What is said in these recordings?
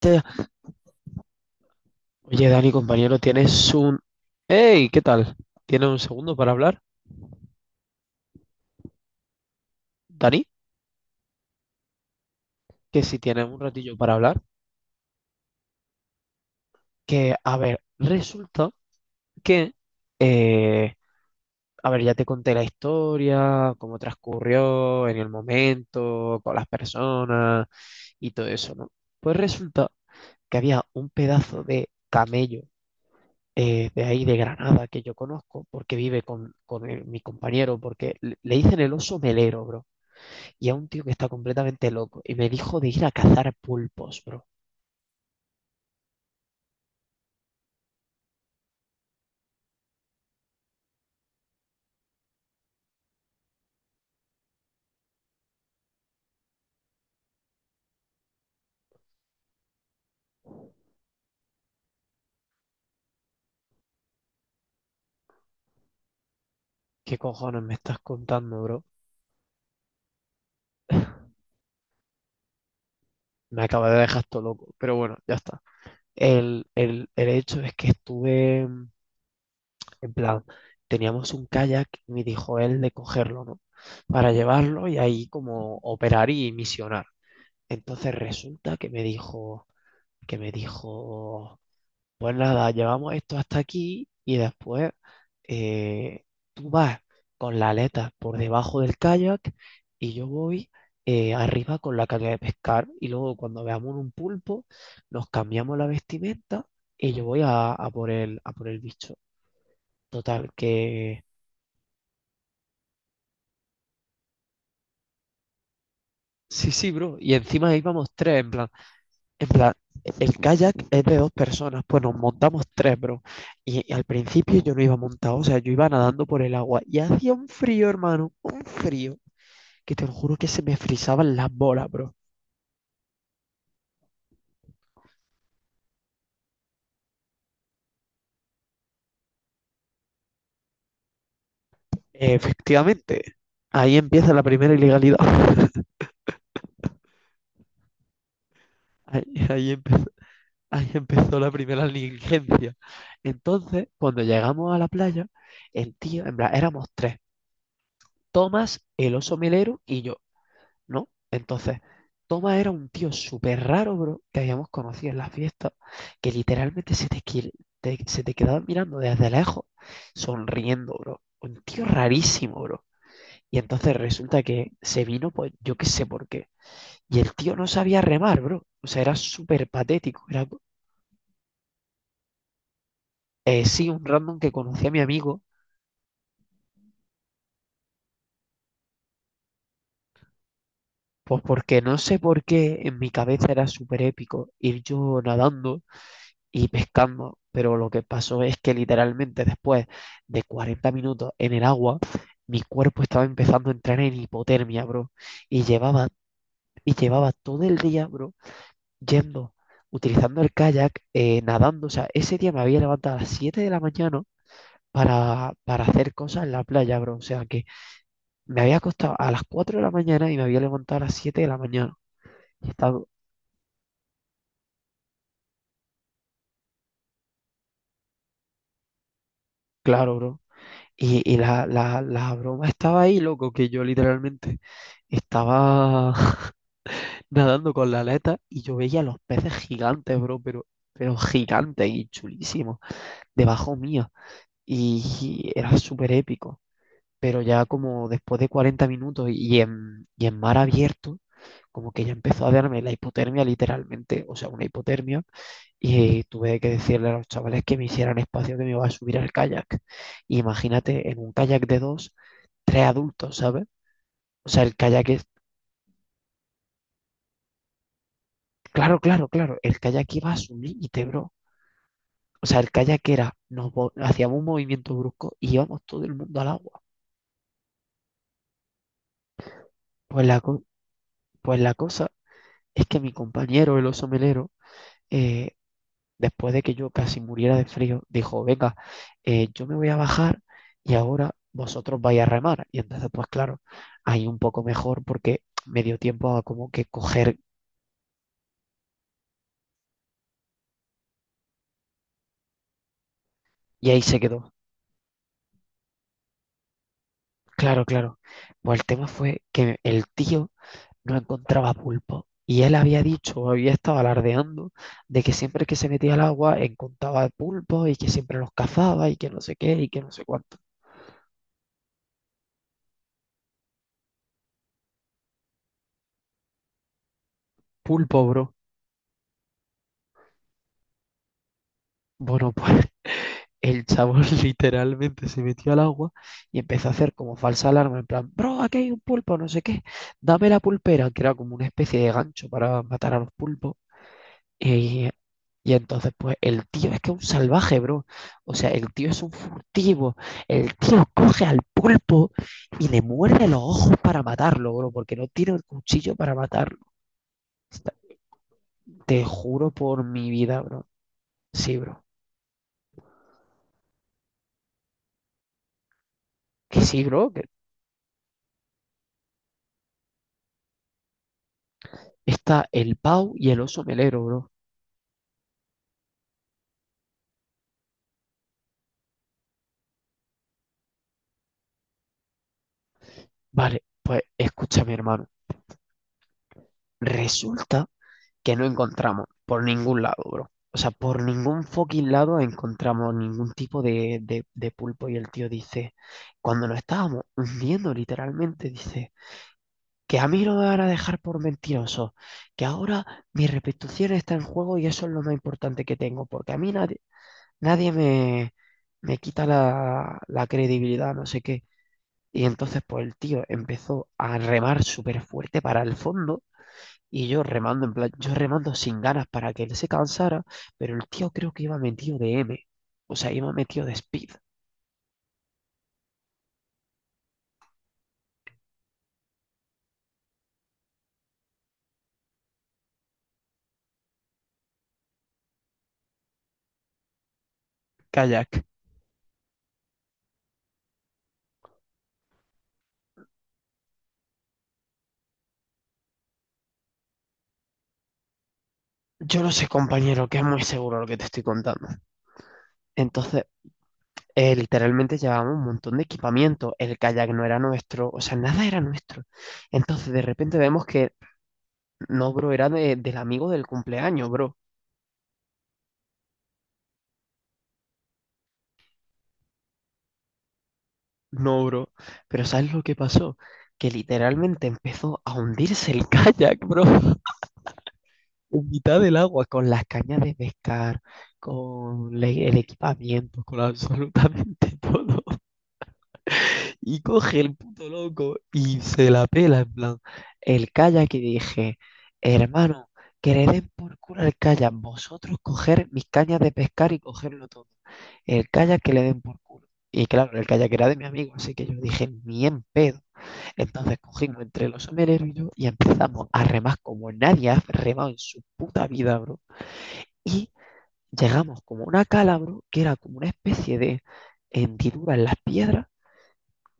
Te- Oye, Dani, compañero, ¿tienes un... ¡Hey! ¿Qué tal? ¿Tienes un segundo para hablar? Dani, que si tienes un ratillo para hablar, que, a ver, resulta que, eh, a ver, ya te conté la historia, cómo transcurrió en el momento, con las personas y todo eso, ¿no? Pues resulta que había un pedazo de camello de ahí de Granada que yo conozco porque vive con mi compañero, porque le dicen el oso melero, bro, y a un tío que está completamente loco. Y me dijo de ir a cazar pulpos, bro. ¿Qué cojones me estás contando, bro? Me acaba de dejar todo loco, pero bueno, ya está. El hecho es que estuve, en plan, teníamos un kayak y me dijo él de cogerlo, ¿no? Para llevarlo y ahí como operar y misionar. Entonces resulta que me dijo, que me dijo, pues nada, llevamos esto hasta aquí y después, eh, tú vas con la aleta por debajo del kayak y yo voy arriba con la caña de pescar y luego cuando veamos un pulpo nos cambiamos la vestimenta y yo voy a por a por el bicho. Total, que sí, sí, bro. Y encima íbamos tres, en plan. En plan, el kayak es de dos personas, pues nos montamos tres, bro. Y al principio yo no iba montado, o sea, yo iba nadando por el agua y hacía un frío, hermano, un frío, que te lo juro que se me frisaban las bolas, bro. Efectivamente, ahí empieza la primera ilegalidad. Ahí, ahí empezó, ahí empezó la primera negligencia. Entonces, cuando llegamos a la playa, el tío, en plan, éramos tres, Tomás, el oso melero y yo. ¿No? Entonces, Toma era un tío súper raro, bro, que habíamos conocido en las fiestas, que literalmente se te quedaba mirando desde lejos, sonriendo, bro. Un tío rarísimo, bro. Y entonces resulta que se vino, pues yo qué sé por qué. Y el tío no sabía remar, bro. O sea, era súper patético. Era, sí, un random que conocí a mi amigo, pues porque no sé por qué en mi cabeza era súper épico ir yo nadando y pescando, pero lo que pasó es que literalmente después de 40 minutos en el agua, mi cuerpo estaba empezando a entrar en hipotermia, bro, y llevaba, y llevaba todo el día, bro, yendo, utilizando el kayak, nadando, o sea, ese día me había levantado a las 7 de la mañana para hacer cosas en la playa, bro, o sea, que me había acostado a las 4 de la mañana y me había levantado a las 7 de la mañana, y estaba, claro, bro. Y la broma estaba ahí, loco, que yo literalmente estaba nadando con la aleta y yo veía los peces gigantes, bro, pero gigantes y chulísimos, debajo mía. Y era súper épico. Pero ya como después de 40 minutos y en mar abierto, como que ya empezó a darme la hipotermia literalmente, o sea, una hipotermia. Y tuve que decirle a los chavales que me hicieran espacio que me iba a subir al kayak. Y imagínate, en un kayak de dos, tres adultos, ¿sabes? O sea, el kayak es... Claro, claro, claro. El kayak iba a su límite, bro. O sea, el kayak era, hacíamos un movimiento brusco y íbamos todo el mundo al agua. Pues la, co- pues la cosa es que mi compañero, el oso melero, eh, después de que yo casi muriera de frío, dijo, venga, yo me voy a bajar y ahora vosotros vais a remar. Y entonces, pues claro, ahí un poco mejor porque me dio tiempo a como que coger y ahí se quedó. Claro, claro. Pues el tema fue que el tío no encontraba pulpo. Y él había dicho, o había estado alardeando, de que siempre que se metía al agua encontraba pulpos y que siempre los cazaba y que no sé qué y que no sé cuánto. Pulpo, bro. Bueno, pues el chabón literalmente se metió al agua y empezó a hacer como falsa alarma, en plan, bro, aquí hay un pulpo, no sé qué, dame la pulpera, que era como una especie de gancho para matar a los pulpos. Y, y entonces, pues, el tío es que es un salvaje, bro. O sea, el tío es un furtivo. El tío coge al pulpo y le muerde los ojos para matarlo, bro, porque no tiene el cuchillo para matarlo. Está- Te juro por mi vida, bro. Sí, bro. Que sí, bro, que está el pau y el oso melero, bro. Vale, pues, escúchame, hermano. Resulta que no encontramos por ningún lado, bro. O sea, por ningún fucking lado encontramos ningún tipo de pulpo. Y el tío dice, cuando nos estábamos hundiendo literalmente, dice, que a mí no me van a dejar por mentiroso, que ahora mi reputación está en juego y eso es lo más importante que tengo, porque a mí nadie, nadie me, me quita la credibilidad, no sé qué. Y entonces, pues el tío empezó a remar súper fuerte para el fondo y yo remando, en plan, yo remando sin ganas para que él se cansara, pero el tío creo que iba metido de M, o sea, iba metido de speed, kayak. Yo no sé, compañero, que es muy seguro lo que te estoy contando. Entonces, literalmente llevábamos un montón de equipamiento, el kayak no era nuestro, o sea, nada era nuestro. Entonces, de repente vemos que, no, bro, era del amigo del cumpleaños, bro. No, bro. Pero ¿sabes lo que pasó? Que literalmente empezó a hundirse el kayak, bro. En mitad del agua, con las cañas de pescar, con el equipamiento, con absolutamente todo. Y coge el puto loco y se la pela, en plan. El kayak. Y dije, hermano, que le den por culo el kayak, vosotros coger mis cañas de pescar y cogerlo todo. El kayak que le den por culo. Y claro, el kayak era de mi amigo, así que yo dije, ni en pedo. Entonces cogimos entre los somereros y yo y empezamos a remar como nadie ha remado en su puta vida, bro. Y llegamos como a una calabro, que era como una especie de hendidura en las piedras,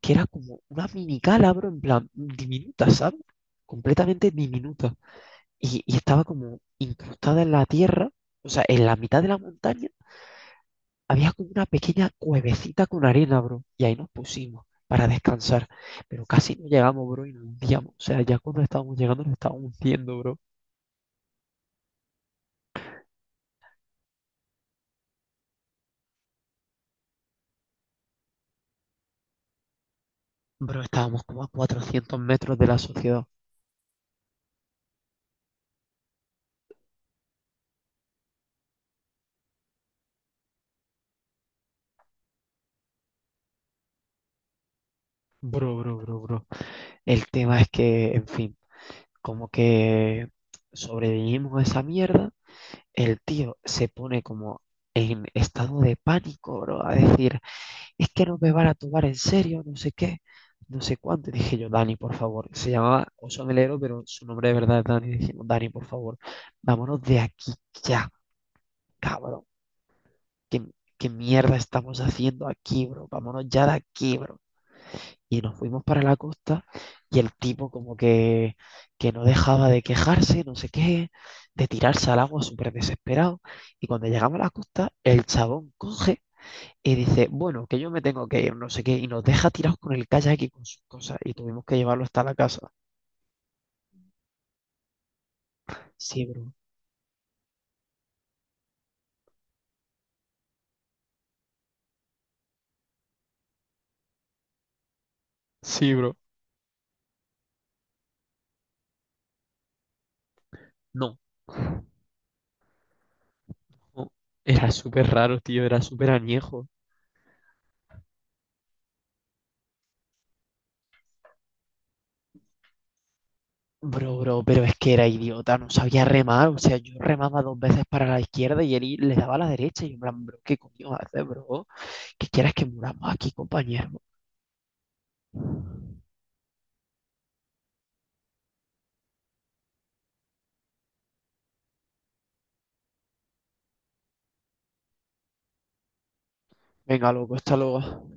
que era como una mini calabro, en plan, diminuta, ¿sabes? Completamente diminuta. Y estaba como incrustada en la tierra, o sea, en la mitad de la montaña, había como una pequeña cuevecita con arena, bro. Y ahí nos pusimos para descansar. Pero casi no llegamos, bro, y nos hundíamos. O sea, ya cuando estábamos llegando nos estábamos hundiendo, bro. Bro, estábamos como a 400 metros de la sociedad. Bro, bro, bro, bro. El tema es que, en fin, como que sobrevivimos a esa mierda, el tío se pone como en estado de pánico, bro, a decir, es que no me van a tomar en serio, no sé qué, no sé cuánto. Y dije yo, Dani, por favor, se llamaba Oso Melero, pero su nombre de verdad es Dani. Dijimos, Dani, por favor, vámonos de aquí ya, cabrón. ¿Qué, qué mierda estamos haciendo aquí, bro? Vámonos ya de aquí, bro. Y nos fuimos para la costa y el tipo como que no dejaba de quejarse, no sé qué, de tirarse al agua súper desesperado. Y cuando llegamos a la costa, el chabón coge y dice, bueno, que yo me tengo que ir, no sé qué, y nos deja tirados con el kayak y con sus cosas. Y tuvimos que llevarlo hasta la casa. Sí, bro. Sí, bro. No. No. Era súper raro, tío, era súper añejo. Bro, bro, pero es que era idiota, no sabía remar, o sea, yo remaba dos veces para la izquierda y él le daba a la derecha y yo en plan, bro, ¿qué coño haces, bro? ¿Qué quieres que muramos aquí, compañero? Venga, loco, hasta luego.